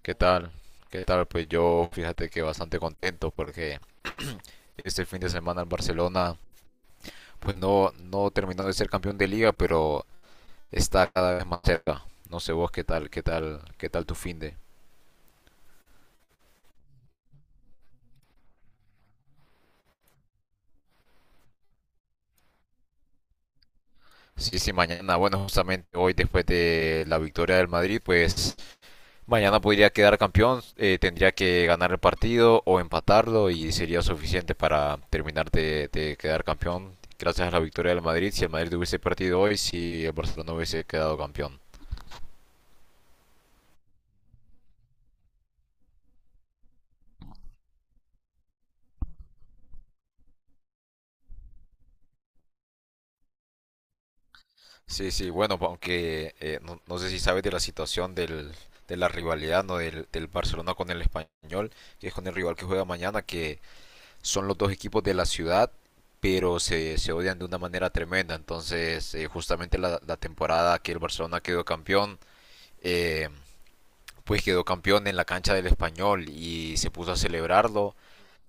¿Qué tal? ¿Qué tal? Pues yo fíjate que bastante contento porque este fin de semana el Barcelona pues no, no terminó de ser campeón de liga, pero está cada vez más cerca. No sé vos qué tal, qué tal, qué tal tu fin de. Sí, sí, mañana, bueno, justamente hoy después de la victoria del Madrid, pues mañana podría quedar campeón, tendría que ganar el partido o empatarlo y sería suficiente para terminar de quedar campeón gracias a la victoria del Madrid. Si el Madrid hubiese perdido hoy, si el Barcelona hubiese quedado campeón. Sí, sí, bueno, aunque no, no sé si sabes de la situación de la rivalidad, ¿no? Del Barcelona con el Español, que es con el rival que juega mañana, que son los dos equipos de la ciudad, pero se odian de una manera tremenda. Entonces, justamente la temporada que el Barcelona quedó campeón, eh, pues quedó campeón en la cancha del Español y se puso a celebrarlo,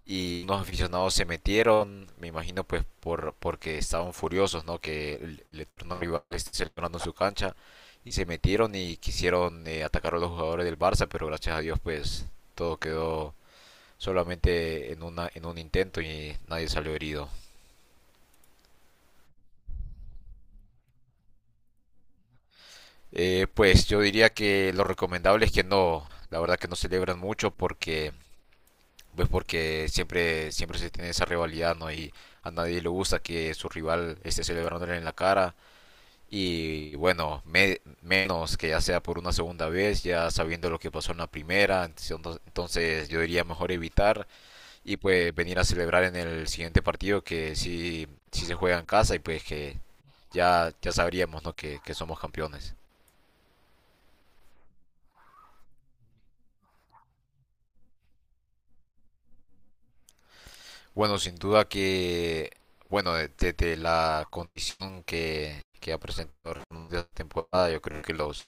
y unos aficionados se metieron, me imagino pues porque estaban furiosos, ¿no? Que el eterno rival esté celebrando en su cancha, y se metieron y quisieron atacar a los jugadores del Barça, pero gracias a Dios pues todo quedó solamente en una en un intento y nadie salió herido. Pues yo diría que lo recomendable es que no, la verdad que no celebran mucho porque pues porque siempre se tiene esa rivalidad, ¿no? Y a nadie le gusta que su rival esté celebrándole en la cara. Y bueno, menos que ya sea por una segunda vez, ya sabiendo lo que pasó en la primera, entonces yo diría mejor evitar y pues venir a celebrar en el siguiente partido, que sí, sí se juega en casa, y pues que ya, ya sabríamos, ¿no?, que somos campeones. Bueno, sin duda que, bueno, desde la condición que ha presentado esta temporada, yo creo que los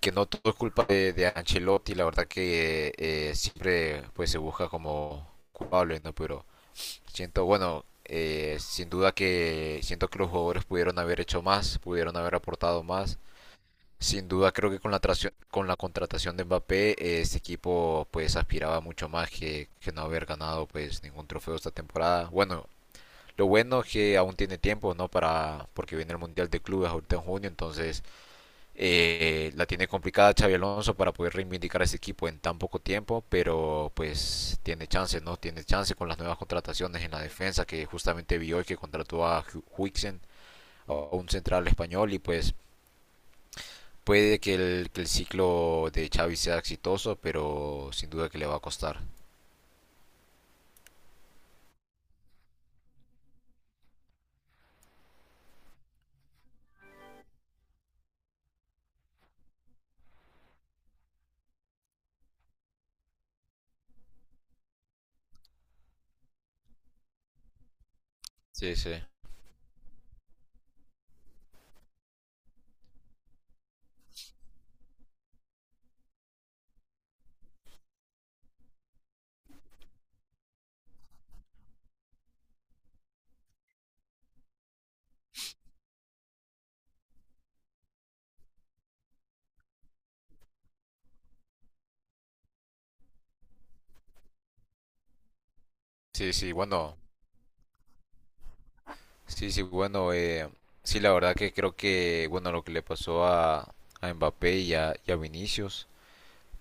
que no todo es culpa de Ancelotti, la verdad que siempre pues se busca como culpable, ¿no? Pero siento, bueno, sin duda que siento que los jugadores pudieron haber hecho más, pudieron haber aportado más. Sin duda creo que con la, con la contratación de Mbappé, este equipo pues aspiraba mucho más que no haber ganado pues ningún trofeo esta temporada. Bueno, lo bueno es que aún tiene tiempo, ¿no? Para porque viene el Mundial de Clubes ahorita en junio, entonces la tiene complicada Xavi Alonso para poder reivindicar a ese equipo en tan poco tiempo, pero pues tiene chance, ¿no? Tiene chance con las nuevas contrataciones en la defensa, que justamente vi hoy que contrató a Huixen, a un central español, y pues puede que el ciclo de Xavi sea exitoso, pero sin duda que le va a costar. Sí, sí, sí, sí, bueno, sí, sí, bueno, sí, la verdad que creo que, bueno, lo que le pasó a Mbappé y a Vinicius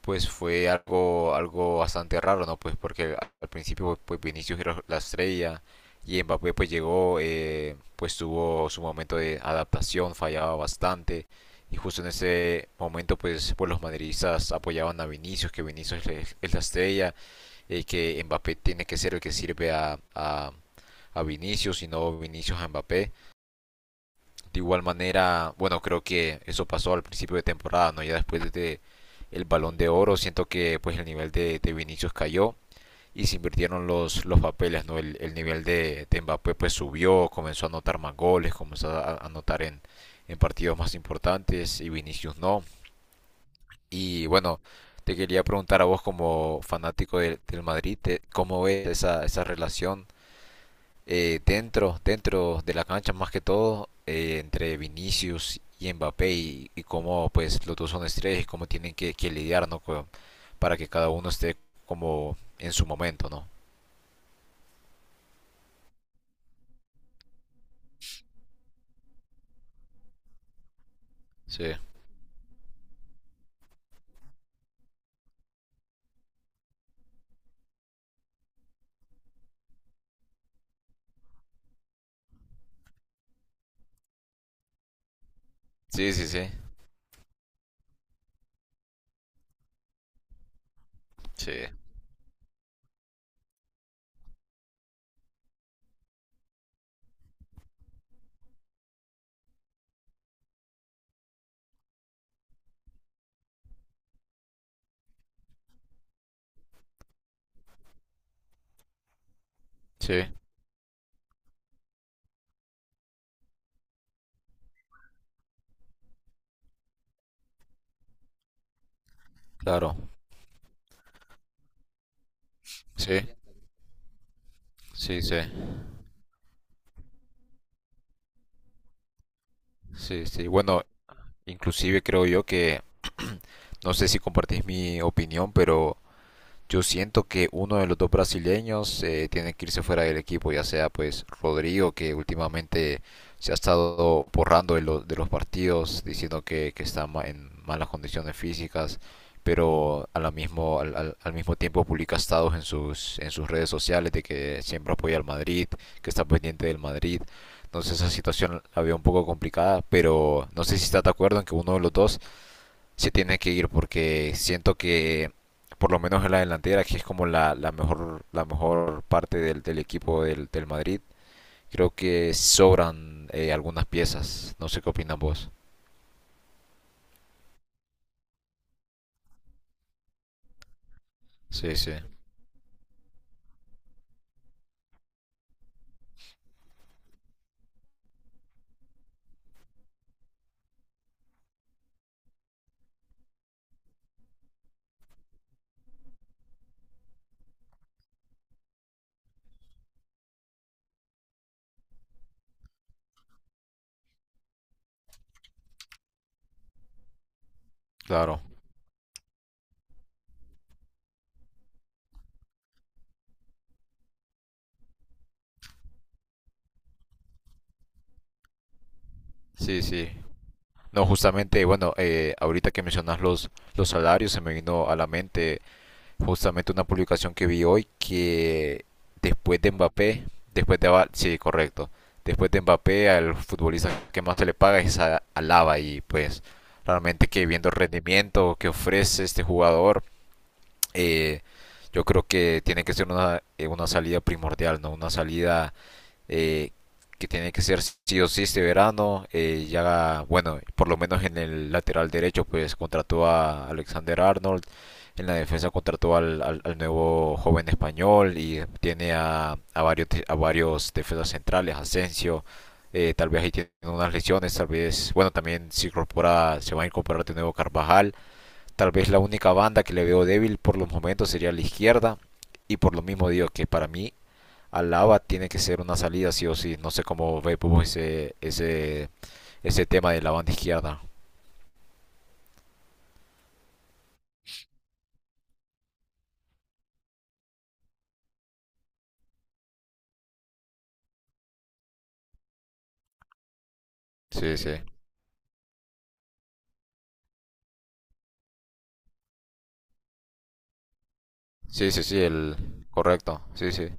pues fue algo, algo bastante raro, ¿no? Pues porque al principio pues, Vinicius era la estrella, y Mbappé pues llegó, pues tuvo su momento de adaptación, fallaba bastante, y justo en ese momento pues los madridistas apoyaban a Vinicius, que Vinicius es la estrella, y que Mbappé tiene que ser el que sirve a Vinicius y no Vinicius a Mbappé. De igual manera, bueno, creo que eso pasó al principio de temporada, ¿no? Ya después de el Balón de Oro, siento que pues el nivel de Vinicius cayó y se invirtieron los papeles, ¿no? El nivel de Mbappé pues subió, comenzó a anotar más goles, comenzó a anotar en partidos más importantes y Vinicius no. Y bueno, te quería preguntar a vos como fanático del del Madrid, ¿cómo ves esa, esa relación dentro, dentro de la cancha más que todo, entre Vinicius y Mbappé, y cómo pues los dos son estrellas y cómo tienen que lidiar, ¿no?, con, para que cada uno esté como en su momento, ¿no? Sí, sí, sí, sí, sí, sí, claro, sí, sí, sí, sí, sí. Bueno, inclusive creo yo que, no sé si compartís mi opinión, pero yo siento que uno de los dos brasileños tiene que irse fuera del equipo, ya sea pues Rodrigo, que últimamente se ha estado borrando de, de los partidos, diciendo que está en malas condiciones físicas, pero a la mismo, al, al mismo tiempo publica estados en sus redes sociales de que siempre apoya al Madrid, que está pendiente del Madrid. Entonces esa situación la veo un poco complicada, pero no sé si estás de acuerdo en que uno de los dos se tiene que ir porque siento que por lo menos en la delantera, que es como la, la mejor parte del, del equipo del, del Madrid, creo que sobran algunas piezas. No sé qué opinan vos. Sí, sí, claro. Sí, sí. No, justamente, bueno, ahorita que mencionas los salarios, se me vino a la mente justamente una publicación que vi hoy que después de Mbappé, después de Aval, sí, correcto, después de Mbappé al futbolista que más se le paga es a Alaba, y pues realmente que viendo el rendimiento que ofrece este jugador, eh, yo creo que tiene que ser una salida primordial, ¿no? Una salida eh, que tiene que ser sí o sí este verano. Ya, bueno, por lo menos en el lateral derecho, pues contrató a Alexander Arnold. En la defensa contrató al, al nuevo joven español, y tiene a varios defensas centrales, Asensio. Tal vez ahí tiene unas lesiones, tal vez, bueno, también se incorpora, se va a incorporar de nuevo Carvajal. Tal vez la única banda que le veo débil por los momentos sería la izquierda. Y por lo mismo digo que para mí al lava tiene que ser una salida sí o sí. No sé cómo ve Pupo ese, ese, ese tema de la banda izquierda. Sí, sí. Sí, sí, sí, el correcto. Sí, sí.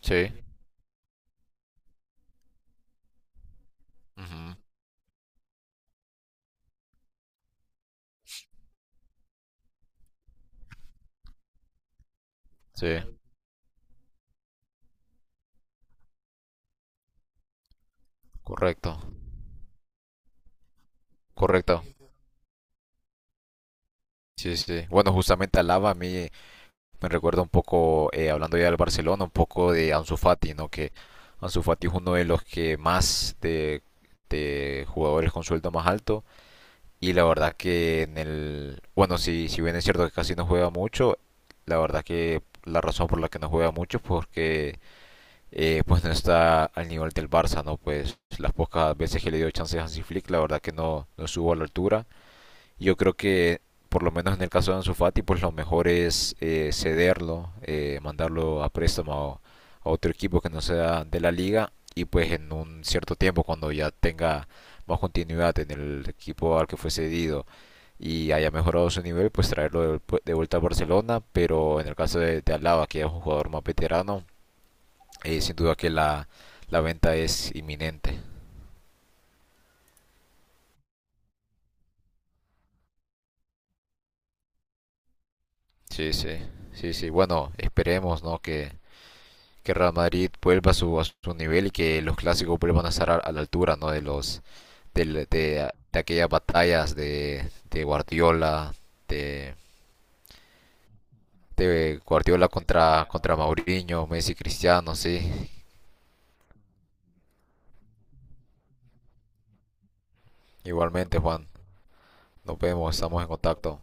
Sí. Ujú. Sí, correcto. Correcto. Sí, sí. Bueno, justamente al lava a mí me recuerda un poco, hablando ya del Barcelona, un poco de Ansu Fati, ¿no? Que Ansu Fati es uno de los que más de jugadores con sueldo más alto. Y la verdad que en el... Bueno, si, si bien es cierto que casi no juega mucho, la verdad que la razón por la que no juega mucho es porque pues no está al nivel del Barça, ¿no? Pues las pocas veces que le dio chance a Hansi Flick, la verdad que no, no subo a la altura. Yo creo que, por lo menos en el caso de Ansu Fati, pues lo mejor es cederlo, mandarlo a préstamo a otro equipo que no sea de la liga, y pues en un cierto tiempo, cuando ya tenga más continuidad en el equipo al que fue cedido y haya mejorado su nivel, pues traerlo de, vuelta a Barcelona. Pero en el caso de Alaba, que es un jugador más veterano, sin duda que la venta es inminente. Sí, sí, sí, sí. Bueno, esperemos, ¿no?, que Real Madrid vuelva a su nivel y que los clásicos vuelvan a estar a la altura, ¿no? De los de aquellas batallas de, de Guardiola contra contra Mourinho, Messi, Cristiano, sí. Igualmente, Juan. Nos vemos, estamos en contacto.